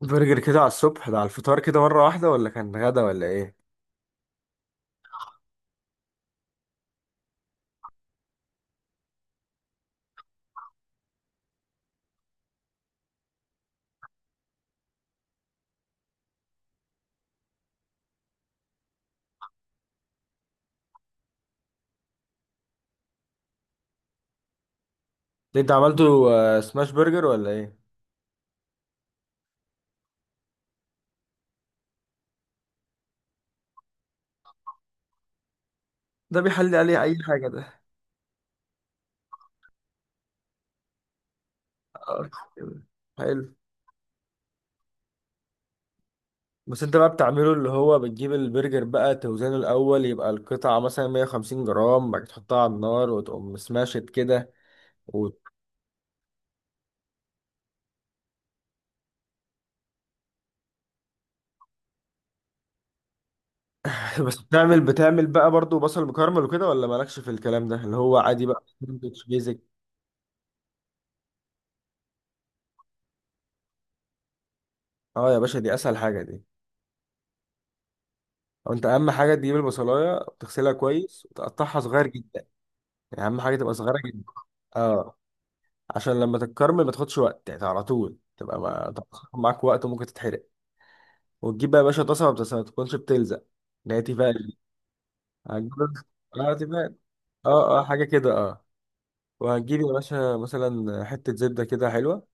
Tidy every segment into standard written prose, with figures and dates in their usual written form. برجر كده على الصبح ده على الفطار كده مرة واحدة ولا كان غدا ولا ايه؟ ده انت عملته سماش برجر ولا ايه؟ ده بيحلي عليه اي حاجه ده. آه، كده. حلو. بس انت بقى بتعمله اللي هو بتجيب البرجر بقى توزنه الأول يبقى القطعة مثلا 150 جرام بعد كده تحطها على النار وتقوم سماشت كده و... بس بتعمل بقى برضو بصل مكرمل وكده ولا مالكش في الكلام ده اللي هو عادي بقى ساندوتش بيزك. اه يا باشا، دي أسهل حاجة دي. أو انت أهم حاجة تجيب البصلاية تغسلها كويس وتقطعها صغير، يعني اهم حاجه تبقى صغيره جدا. اه عشان لما تتكرمل ما تاخدش وقت، يعني على طول تبقى ما تاخد معاك وقت وممكن تتحرق. وتجيب بقى يا باشا طاسه ما تكونش بتلزق، اللي هي تيفال. هتجيب. اه تيفال. اه اه حاجه كده اه. وهتجيب يا باشا مثلا حته زبده كده حلوه،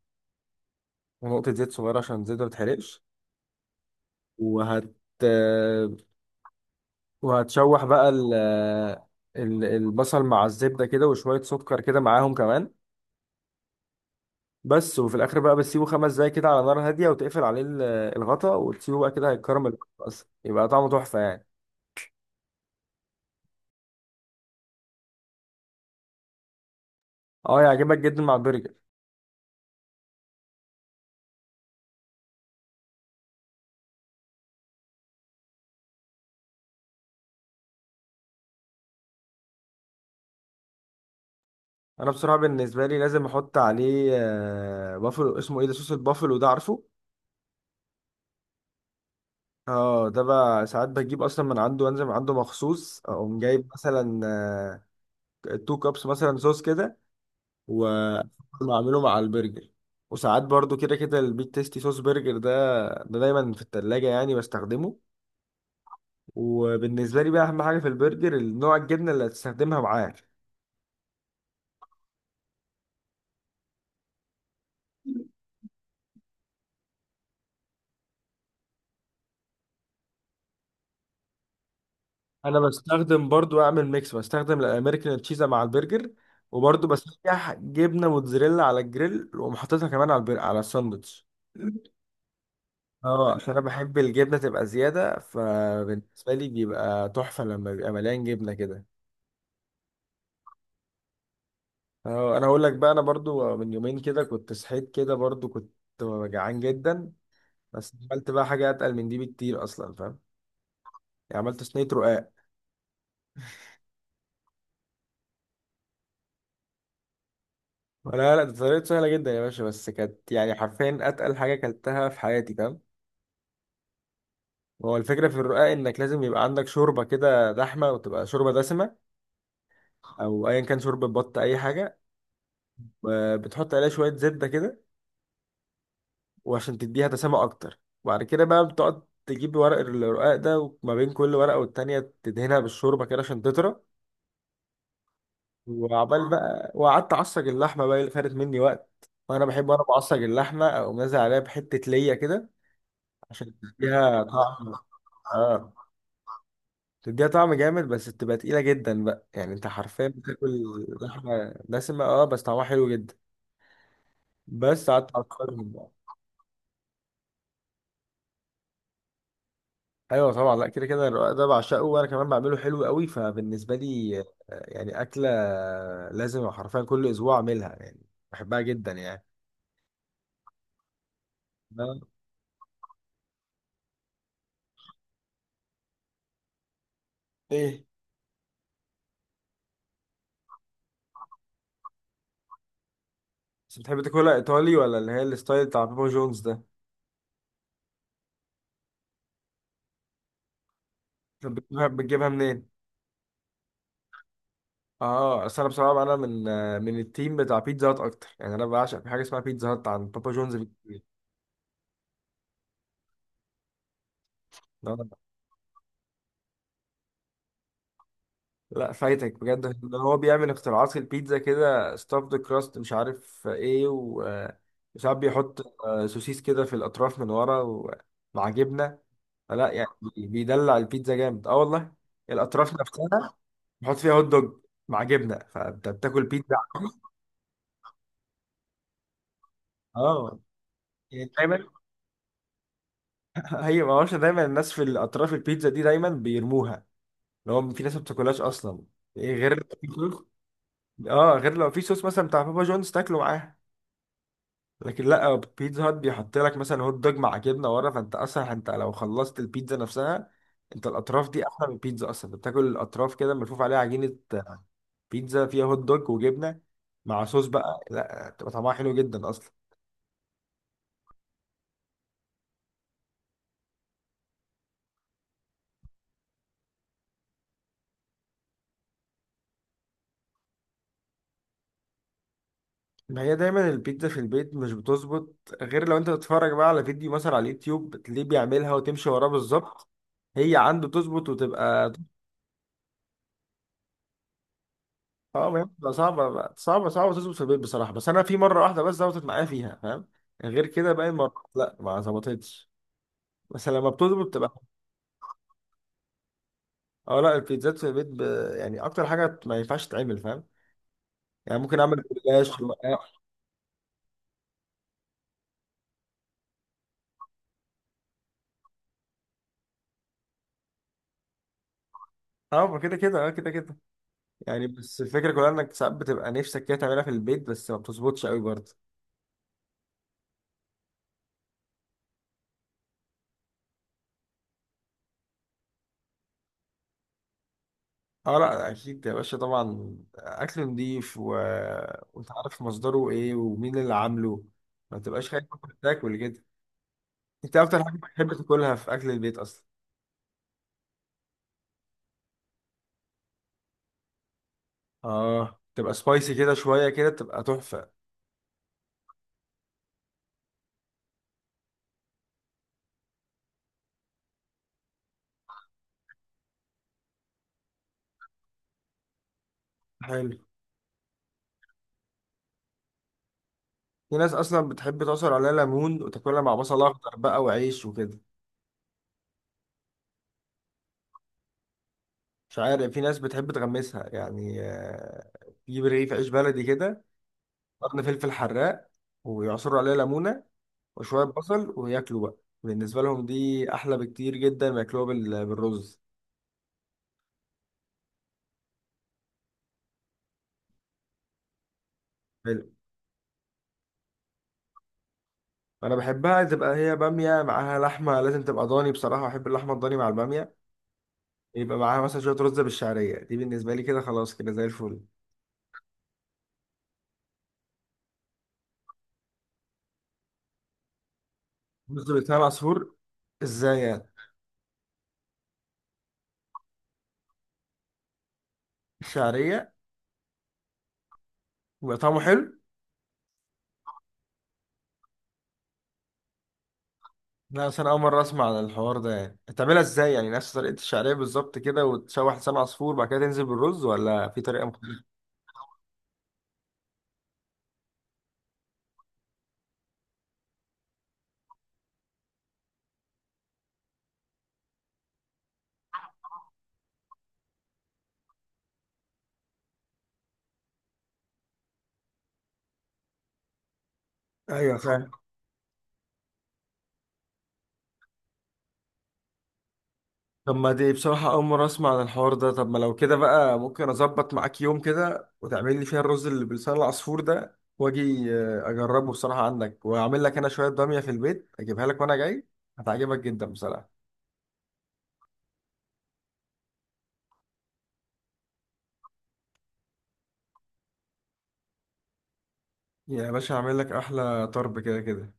ونقطه زيت صغيره عشان الزيت ما تتحرقش. وهت وهتشوح بقى البصل مع الزبده كده وشويه سكر كده معاهم كمان. بس وفي الاخر بقى بتسيبه 5 دقايق كده على نار هاديه وتقفل عليه الغطا وتسيبه بقى كده هيتكرمل اصلا يبقى طعمه تحفه يعني. اه يعجبك جدا مع البرجر. انا بصراحه بالنسبه لي لازم احط عليه بافلو، اسمه ايه ده، صوص البافلو ده، عارفه. اه ده بقى ساعات بجيب اصلا من عنده، وانزل من عنده مخصوص اقوم جايب مثلا 2 كابس مثلا صوص كده، واعمله مع البرجر. وساعات برضو كده كده البيت تيستي صوص برجر ده، ده دايما في التلاجة يعني بستخدمه. وبالنسبة لي بقى أهم حاجة في البرجر النوع الجبنة اللي هتستخدمها معاه. أنا بستخدم برضو، أعمل ميكس، بستخدم الأمريكان تشيزا مع البرجر وبرضو بسيح جبنة موتزاريلا على الجريل وأقوم حاططها كمان على على الساندوتش. اه عشان انا بحب الجبنه تبقى زياده، فبالنسبه لي بيبقى تحفه لما بيبقى مليان جبنه كده. اه انا هقول لك بقى، انا برضو من يومين كده كنت صحيت كده برضو كنت جعان جدا. بس عملت بقى حاجه اتقل من دي بكتير اصلا، فاهم، يعني عملت صينيه رقاق. لا لا ده طريقته سهلة جدا يا باشا، بس كانت يعني حرفيا أتقل حاجة أكلتها في حياتي فاهم. هو الفكرة في الرقاق إنك لازم يبقى عندك شوربة كده دحمة، وتبقى شوربة دسمة، أو أيا كان شوربة بط أي حاجة. بتحط عليها شوية زبدة كده وعشان تديها دسامة أكتر. وبعد كده بقى بتقعد تجيب ورق الرقاق ده، وما بين كل ورقة والتانية تدهنها بالشوربة كده عشان تطرى. وعبال بقى وقعدت أعصج اللحمة بقى اللي خدت مني وقت، وأنا بحب وأنا بعصج اللحمة أقوم نازل عليها بحتة ليا كده عشان تديها طعم. اه تديها طعم جامد، بس بتبقى تقيلة جدا بقى، يعني انت حرفيا بتاكل لحمة دسمة. اه بس طعمها حلو جدا. بس قعدت اقارنهم بقى. ايوه طبعا، لا كده كده الرقاق ده بعشقه، وانا كمان بعمله حلو قوي، فبالنسبة لي يعني أكلة لازم حرفيا كل اسبوع اعملها يعني، بحبها جدا يعني. آه. ايه. بس بتحب تاكلها ايطالي ولا اللي هي الستايل بتاع بابا جونز ده؟ طب بتجيبها بتجيبها منين؟ اه اصل انا بصراحه انا من من التيم بتاع بيتزا هات اكتر، يعني انا بعشق في حاجه اسمها بيتزا هات عند بابا جونز. لا لا، فايتك بجد اللي هو بيعمل اختراعات في البيتزا كده، ستافد كراست مش عارف ايه وساعات بيحط سوسيس كده في الاطراف من ورا ومع جبنه. لا يعني بيدلع البيتزا جامد اه والله. الاطراف نفسها بيحط فيها هوت دوج مع جبنه، فانت بتاكل بيتزا. اه يعني دايما هي ما هوش دايما الناس في الاطراف البيتزا دي دايما بيرموها، اللي هو في ناس ما بتاكلهاش اصلا، إيه غير لو في صوص. اه غير لو في صوص مثلا بتاع بابا جونز تاكله معاها. لكن لا، بيتزا هات بيحط لك مثلا هوت دوج مع جبنه ورا، فانت اصلا انت لو خلصت البيتزا نفسها، انت الاطراف دي احلى من البيتزا اصلا، بتاكل الاطراف كده ملفوف عليها عجينه بيتزا فيها هوت دوج وجبنه مع صوص بقى، لا بتبقى طعمها حلو جدا اصلا. ما هي دايما البيتزا في البيت مش بتظبط، غير لو انت بتتفرج بقى على فيديو مثلا على اليوتيوب بتلاقيه بيعملها وتمشي وراه بالظبط، هي عنده تظبط وتبقى. اه ما هي بتبقى صعبة صعبة صعبة تظبط في البيت بصراحة، بس أنا في مرة واحدة بس ظبطت معايا فيها فاهم. غير كده باقي المرات لا ما ظبطتش. بس لما بتظبط بتبقى. اه لا البيتزات في البيت يعني أكتر حاجة ما ينفعش تتعمل فاهم، يعني ممكن أعمل جلاش. اه ما كده كده اه كده كده، يعني بس الفكرة كلها إنك ساعات بتبقى نفسك كده تعملها في البيت بس ما بتظبطش قوي برضه. اه لا أكيد يا باشا، طبعا أكل نضيف وأنت عارف مصدره إيه ومين اللي عامله، ما تبقاش خايف تاكل كده. انت ايه اكتر حاجه بتحب تاكلها في اكل البيت اصلا؟ اه تبقى سبايسي كده شويه كده تبقى تحفه. حلو. في ناس اصلا بتحب تعصر عليها ليمون وتاكلها مع بصل اخضر بقى وعيش وكده. مش عارف، في ناس بتحب تغمسها يعني، تجيب رغيف عيش بلدي كده، قرن فلفل حراق، ويعصروا عليها ليمونه وشويه بصل وياكلوا بقى، بالنسبه لهم دي احلى بكتير جدا ما ياكلوها بالرز. حلو. انا بحبها تبقى هي باميه معاها لحمه، لازم تبقى ضاني، بصراحه بحب اللحمه الضاني مع الباميه. يبقى معاها مثلا شويه رز بالشعريه، دي بالنسبه لي كده خلاص كده زي الفل. رز بلسان عصفور، ازاي يعني؟ الشعريه. يبقى طعمه حلو. لا اصل انا اول مره اسمع عن الحوار ده، يعني تعملها ازاي؟ يعني نفس طريقه الشعريه بالظبط كده، وتشوح لسان عصفور بعد كده تنزل بالرز، ولا في طريقه مختلفه؟ ايوه، فاهم. طب ما دي بصراحه اول مره اسمع عن الحوار ده، طب ما لو كده بقى، ممكن اظبط معاك يوم كده وتعمل لي فيها الرز اللي بلسان العصفور ده، واجي اجربه بصراحه عندك، واعمل لك انا شويه باميه في البيت اجيبها لك وانا جاي. هتعجبك جدا بصراحه. يا باشا هعمل لك احلى طرب كده كده.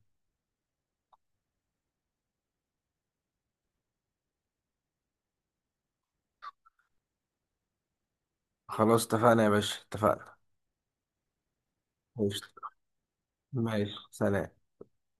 خلاص اتفقنا يا باشا، اتفقنا. قشطة. ماشي، سلام.